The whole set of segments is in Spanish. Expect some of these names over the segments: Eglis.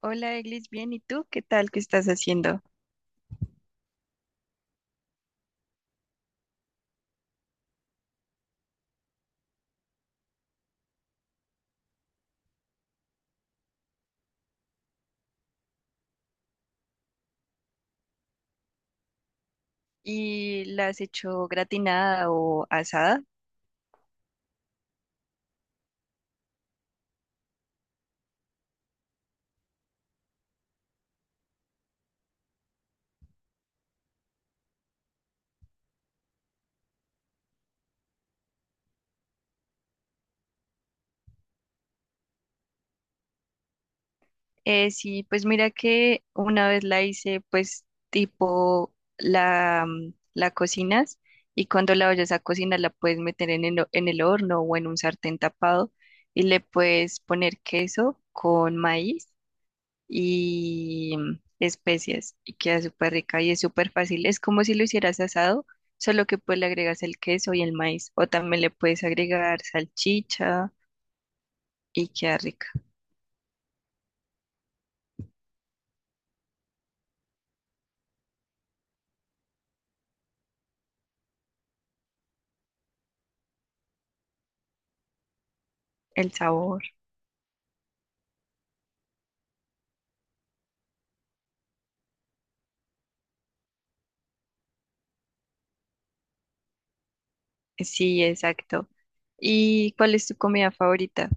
Hola, Eglis, bien, ¿y tú? ¿Qué tal? ¿Qué estás haciendo? ¿Y la has hecho gratinada o asada? Sí, pues mira que una vez la hice, pues tipo la cocinas. Y cuando la vayas a cocinar la puedes meter en en el horno o en un sartén tapado y le puedes poner queso con maíz y especias, y queda súper rica y es súper fácil. Es como si lo hicieras asado, solo que pues le agregas el queso y el maíz, o también le puedes agregar salchicha y queda rica. El sabor, sí, exacto. ¿Y cuál es tu comida favorita?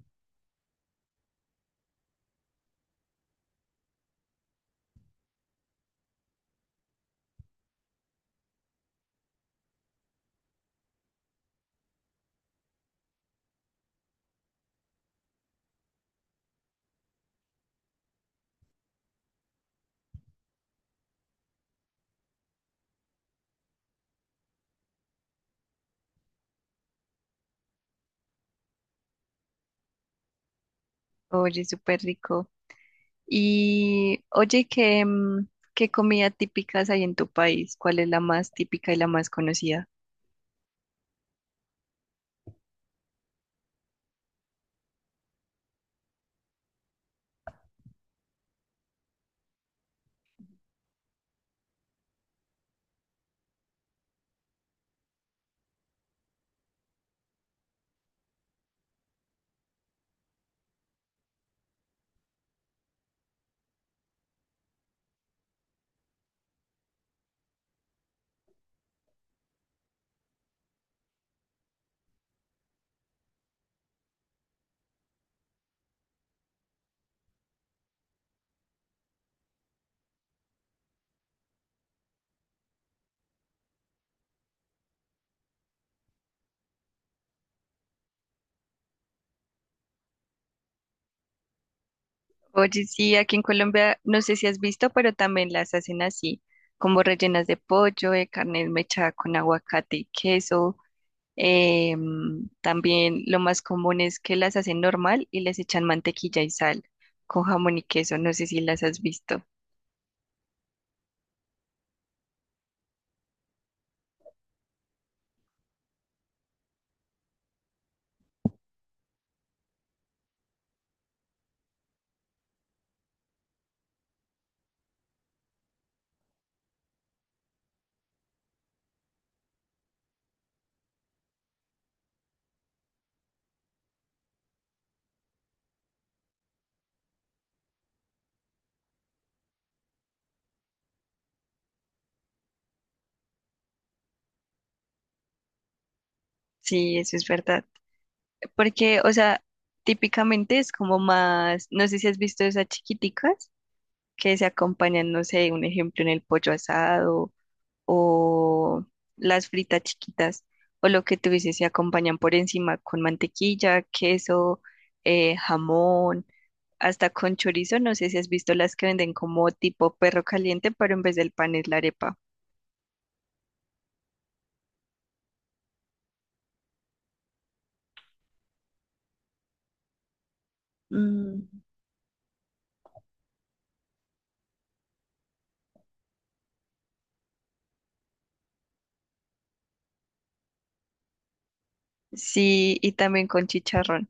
Oye, súper rico. Y oye, ¿qué comida típicas hay en tu país? ¿Cuál es la más típica y la más conocida? Oye, sí, aquí en Colombia, no sé si has visto, pero también las hacen así, como rellenas de pollo, de carne mechada con aguacate y queso. Em, también lo más común es que las hacen normal y les echan mantequilla y sal, con jamón y queso. No sé si las has visto. Sí, eso es verdad. Porque, o sea, típicamente es como más, no sé si has visto esas chiquiticas que se acompañan, no sé, un ejemplo en el pollo asado, o las fritas chiquitas, o lo que tú dices, se acompañan por encima con mantequilla, queso, jamón, hasta con chorizo. No sé si has visto las que venden como tipo perro caliente, pero en vez del pan es la arepa. Mm, sí, y también con chicharrón.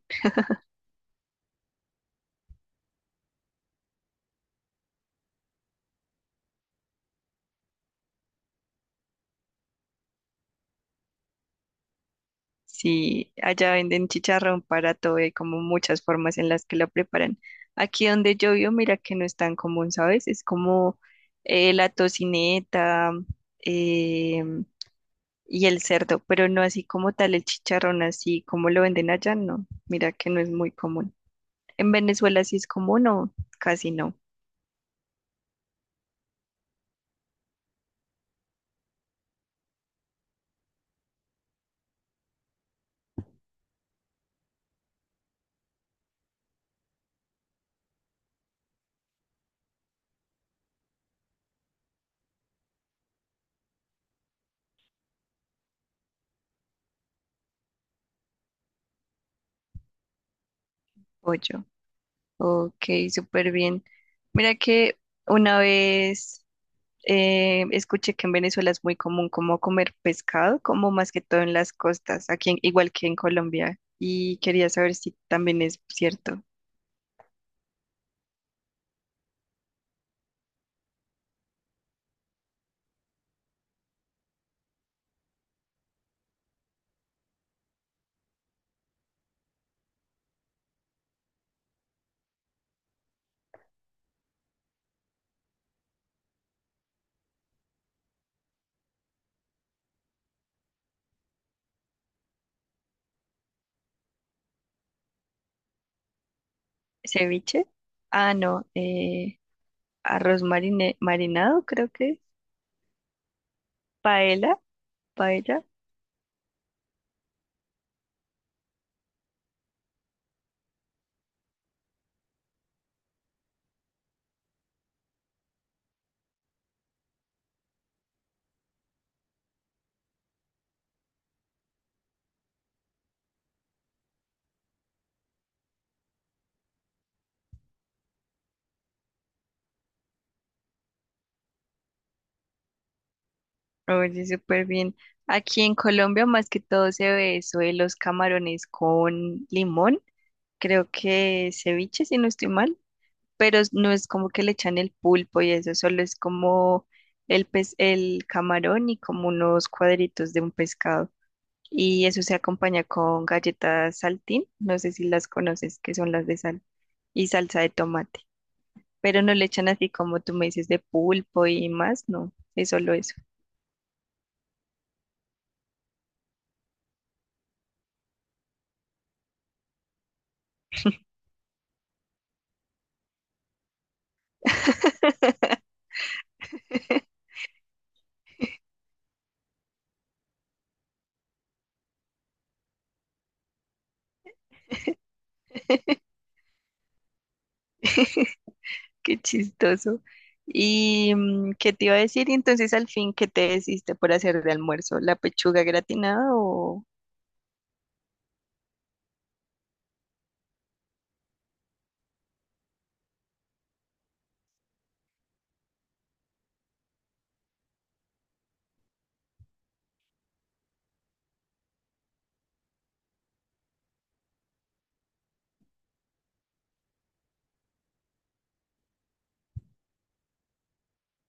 Sí, allá venden chicharrón para todo, hay como muchas formas en las que lo preparan. Aquí donde yo vivo, mira que no es tan común, ¿sabes? Es como la tocineta, eh, y el cerdo, pero no así como tal el chicharrón, así como lo venden allá, no. Mira que no es muy común. ¿En Venezuela sí es común o casi no? Pollo. Ok, súper bien. Mira que una vez escuché que en Venezuela es muy común como comer pescado, como más que todo en las costas, aquí en- igual que en Colombia. Y quería saber si también es cierto. ¿Ceviche? Ah, no, arroz marine- marinado, creo que. Es paella. Paella. Oye, súper bien. Aquí en Colombia más que todo se ve eso de los camarones con limón. Creo que ceviche, si no estoy mal, pero es- no es como que le echan el pulpo y eso, solo es como el pez, el camarón y como unos cuadritos de un pescado. Y eso se acompaña con galletas saltín, no sé si las conoces, que son las de sal, y salsa de tomate. Pero no le echan así como tú me dices de pulpo y más, no, es solo eso. Qué chistoso. ¿Y qué te iba a decir? Y entonces al fin, ¿qué te decidiste por hacer de almuerzo? ¿La pechuga gratinada o...?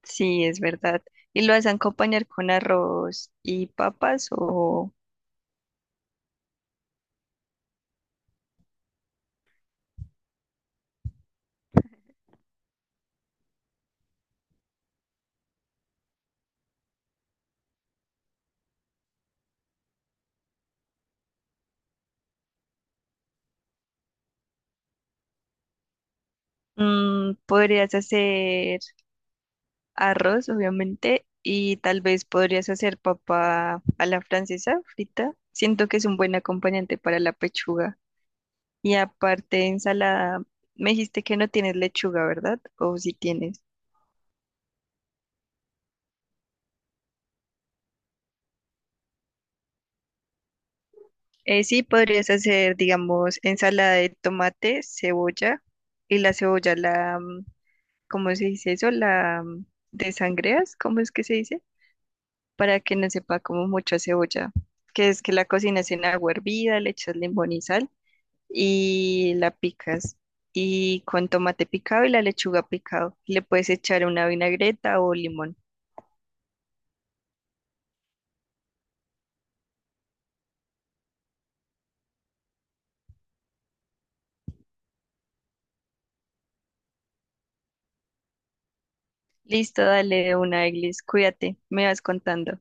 Sí, es verdad. ¿Y lo vas a acompañar con arroz y papas o...? Mm, podrías hacer arroz, obviamente, y tal vez podrías hacer papa a la francesa frita. Siento que es un buen acompañante para la pechuga. Y aparte, ensalada, me dijiste que no tienes lechuga, ¿verdad? ¿O si tienes? Sí, podrías hacer, digamos, ensalada de tomate, cebolla. Y la cebolla, ¿cómo se dice eso? La, mm, desangreas, ¿cómo es que se dice? Para que no sepa como mucho a cebolla, que es que la cocinas en agua hervida, le echas limón y sal y la picas. Y con tomate picado y la lechuga picado, le puedes echar una vinagreta o limón. Listo, dale una, Eglis, cuídate, me vas contando.